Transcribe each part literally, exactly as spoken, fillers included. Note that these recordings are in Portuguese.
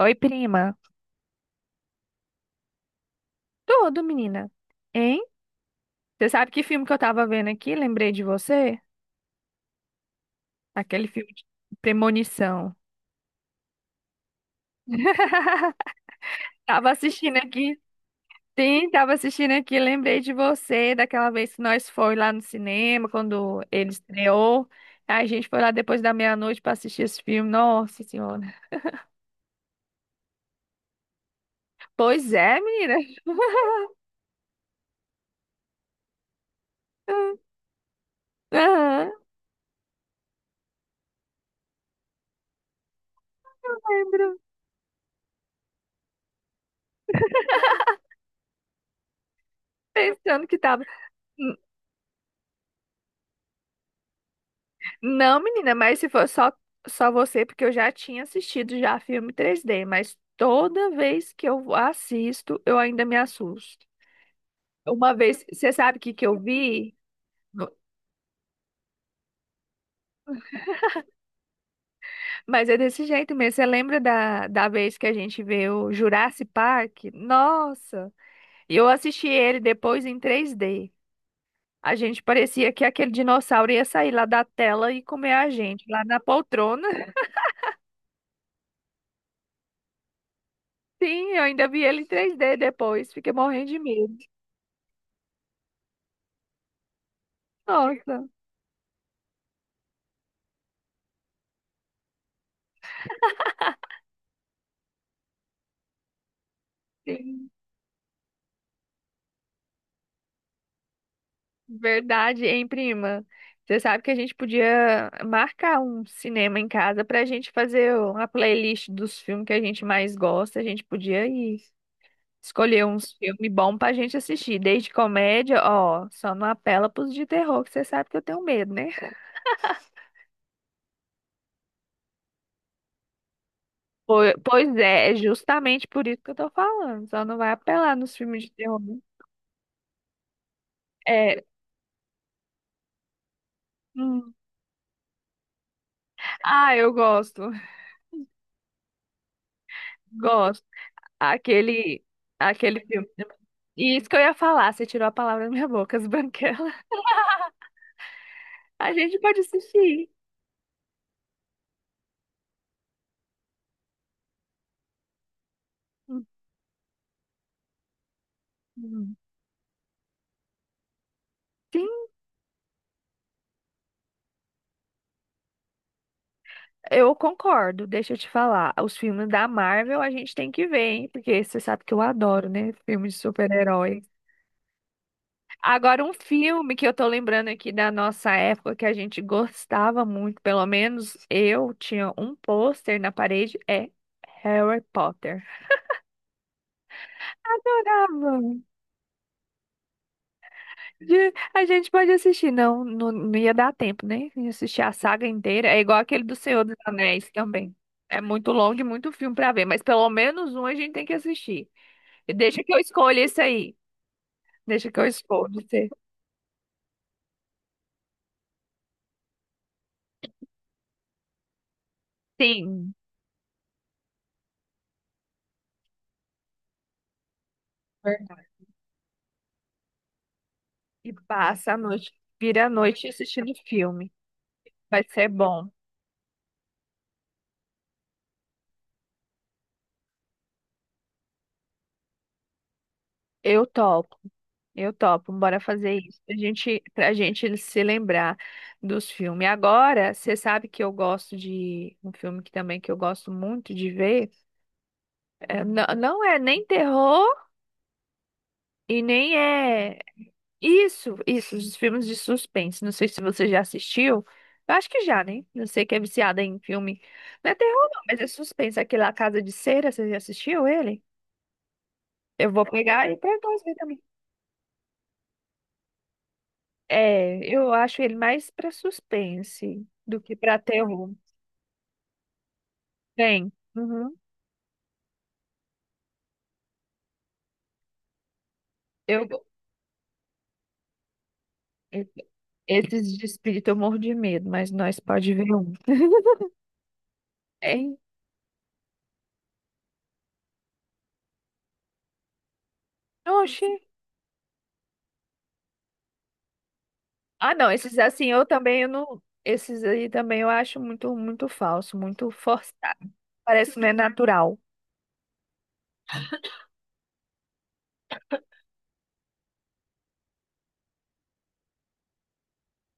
Oi, prima. Tudo, menina. Hein? Você sabe que filme que eu tava vendo aqui? Lembrei de você? Aquele filme de Premonição. Tava assistindo aqui. Sim, tava assistindo aqui. Lembrei de você daquela vez que nós foi lá no cinema, quando ele estreou. A gente foi lá depois da meia-noite pra assistir esse filme. Nossa Senhora. Pois é, menina. Aham, lembro. Pensando que tava. Não, menina, mas se for só, só você, porque eu já tinha assistido já filme três D, mas toda vez que eu assisto, eu ainda me assusto. Uma vez, você sabe o que que eu vi? No- Mas é desse jeito mesmo. Você lembra da, da vez que a gente vê o Jurassic Park? Nossa! E eu assisti ele depois em três D. A gente parecia que aquele dinossauro ia sair lá da tela e comer a gente, lá na poltrona. Sim, eu ainda vi ele em três D depois. Fiquei morrendo de medo. Nossa! Sim, verdade, hein, prima? Você sabe que a gente podia marcar um cinema em casa pra gente fazer uma playlist dos filmes que a gente mais gosta. A gente podia ir escolher uns filmes bons pra gente assistir. Desde comédia, ó, só não apela pros de terror, que você sabe que eu tenho medo, né? Po- Pois é, é justamente por isso que eu tô falando. Só não vai apelar nos filmes de terror, né? É. Hum. Ah, eu gosto. Gosto. Aquele, aquele filme. E isso que eu ia falar, você tirou a palavra da minha boca, as branquelas. A gente pode assistir. Uhum. Sim, eu concordo. Deixa eu te falar. Os filmes da Marvel a gente tem que ver, hein? Porque você sabe que eu adoro, né? Filmes de super-heróis. Agora, um filme que eu tô lembrando aqui da nossa época que a gente gostava muito, pelo menos eu tinha um pôster na parede, é Harry Potter. Adorava. De- A gente pode assistir, não, não, não ia dar tempo, né? De assistir a saga inteira. É igual aquele do Senhor dos Anéis também. É muito longo e muito filme pra ver, mas pelo menos um a gente tem que assistir. E deixa que eu escolha esse aí. Deixa que eu escolho esse. Sim. Verdade. E passa a noite, vira a noite assistindo filme. Vai ser bom. Eu topo. Eu topo, bora fazer isso. Pra gente, pra gente se lembrar dos filmes. Agora, você sabe que eu gosto de um filme que também que eu gosto muito de ver. É, não, não é nem terror e nem é isso, isso, os filmes de suspense. Não sei se você já assistiu. Eu acho que já, né? Não sei que é viciada em filme. Não é terror, não, mas é suspense. Aquele A Casa de Cera, você já assistiu ele? Eu vou pegar e pra nós ver também. É, eu acho ele mais pra suspense do que pra terror. Tem. Uhum. Eu, e- Esses de espírito eu morro de medo, mas nós pode ver um. Hein? Oxi. Ah, não, esses assim eu também eu não. Esses aí também eu acho muito, muito falso, muito forçado. Parece que não é natural.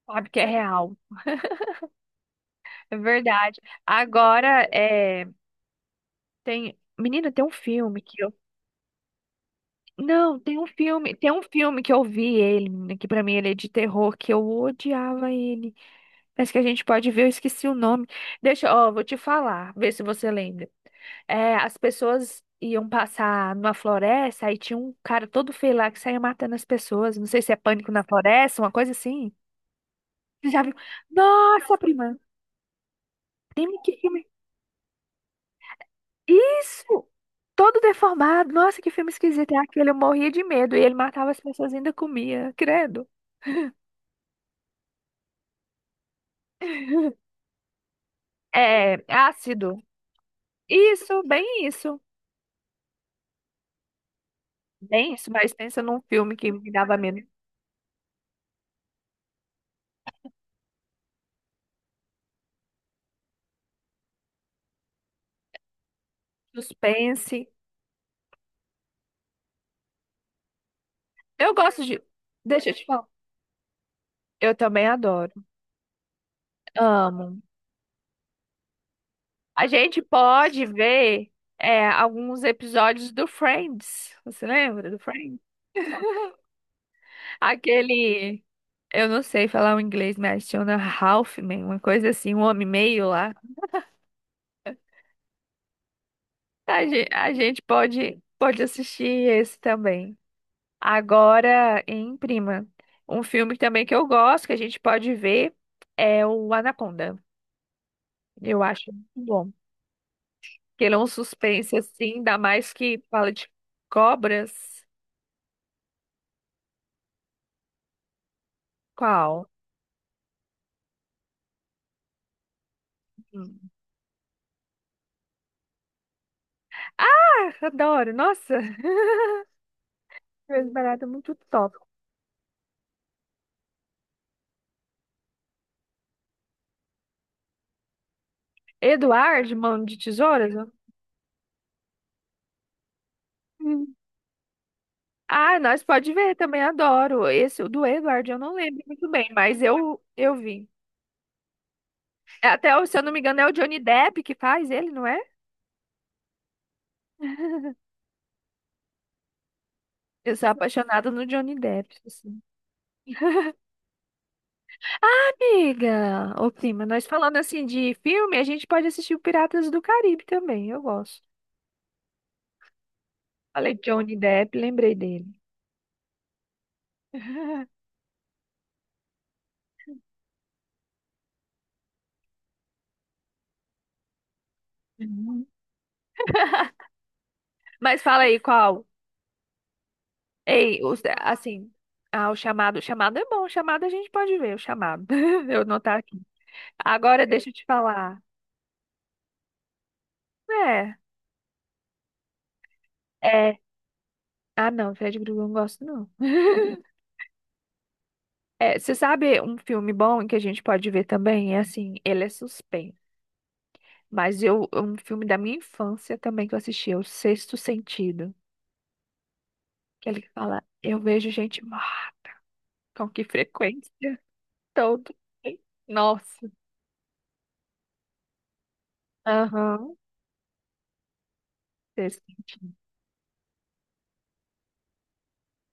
Sabe que é real. É verdade. Agora, é, tem. Menina, tem um filme que Não, tem um filme, tem um filme que eu vi ele, menina, que pra mim ele é de terror, que eu odiava ele. Mas que a gente pode ver, eu esqueci o nome. Deixa, ó, vou te falar, ver se você lembra. É, as pessoas iam passar numa floresta, aí tinha um cara todo feio lá que saía matando as pessoas. Não sei se é Pânico na Floresta, uma coisa assim. Você já viu? Nossa, prima, tem que filme. Isso! Todo deformado. Nossa, que filme esquisito é aquele. Eu morria de medo e ele matava as pessoas e ainda comia, credo. É, é ácido. Isso, bem isso. Bem isso, mas pensa num filme que me dava menos suspense. Eu gosto de. Deixa eu te falar. Eu também adoro. Amo. A gente pode ver, é, alguns episódios do Friends. Você lembra do Friends? Aquele. Eu não sei falar o inglês, mas tinha um Halfman, uma coisa assim, um homem meio lá. A gente, a gente pode, pode assistir esse também. Agora, em prima, um filme também que eu gosto, que a gente pode ver, é o Anaconda. Eu acho muito bom. Que ele é um suspense, assim, ainda mais que fala de cobras. Qual? Hum. Ah, adoro. Nossa, coisa barata, muito top. Eduardo, Mão de Tesouras? Hum. Ah, nós pode ver, também adoro. Esse, o do Eduardo, eu não lembro muito bem, mas eu, eu vi. É, até, o- se eu não me engano, é o Johnny Depp que faz ele, não é? Eu sou apaixonada no Johnny Depp, assim. Amiga, ô prima, nós falando assim de filme, a gente pode assistir o Piratas do Caribe também, eu gosto. Falei de Johnny Depp, lembrei dele. Uhum. Mas fala aí qual? Ei, os- assim, ah, o chamado, o chamado é bom, o chamado a gente pode ver, o chamado. Eu não tá aqui. Agora deixa eu te falar. É, é. Ah, não, Fred Krueger eu não gosto, não. É, você sabe um filme bom que a gente pode ver também? É assim, ele é suspense. Mas eu, é um filme da minha infância também que eu assisti, é O Sexto Sentido. Que ele fala, eu vejo gente morta com que frequência todo dia. Nossa. Aham. Sexto Sentido.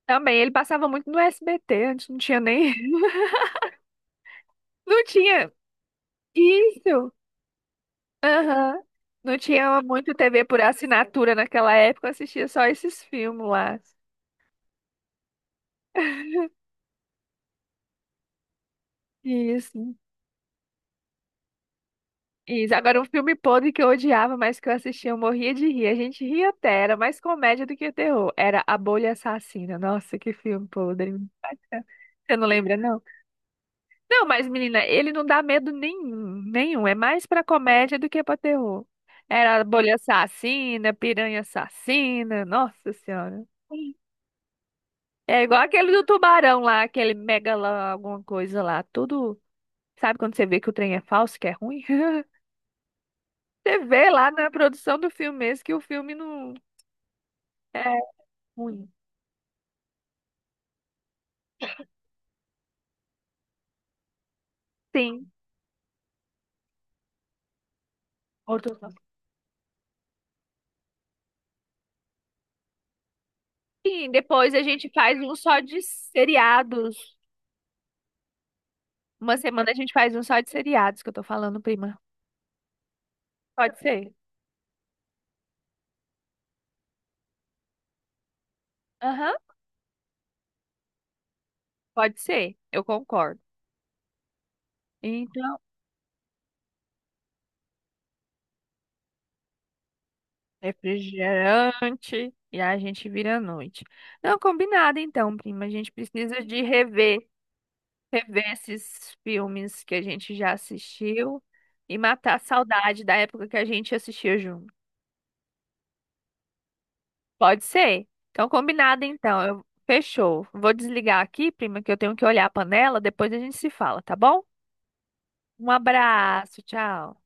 Também, ele passava muito no S B T, antes não tinha nem. Não tinha. Isso! Aham. Não tinha muito T V por assinatura naquela época, eu assistia só esses filmes lá. Isso. Isso. Agora, um filme podre que eu odiava, mas que eu assistia, eu morria de rir. A gente ria até, era mais comédia do que terror. Era A Bolha Assassina. Nossa, que filme podre. Você não lembra, não? Não, mas, menina, ele não dá medo nenhum, nenhum. É mais pra comédia do que pra terror. Era A Bolha Assassina, Piranha Assassina. Nossa Senhora. É igual aquele do tubarão lá, aquele mega lá, alguma coisa lá. Tudo. Sabe quando você vê que o trem é falso, que é ruim? Você vê lá na produção do filme mesmo que o filme não é ruim. Sim. Outro não. Sim, depois a gente faz um só de seriados. Uma semana a gente faz um só de seriados que eu tô falando, prima. Pode ser? Aham, pode ser. Eu concordo. Então, refrigerante e a gente vira à noite. Não, combinado então, prima. A gente precisa de rever, rever esses filmes que a gente já assistiu e matar a saudade da época que a gente assistia junto. Pode ser. Então, combinado então. Eu- Fechou. Vou desligar aqui, prima, que eu tenho que olhar a panela. Depois a gente se fala, tá bom? Um abraço, tchau.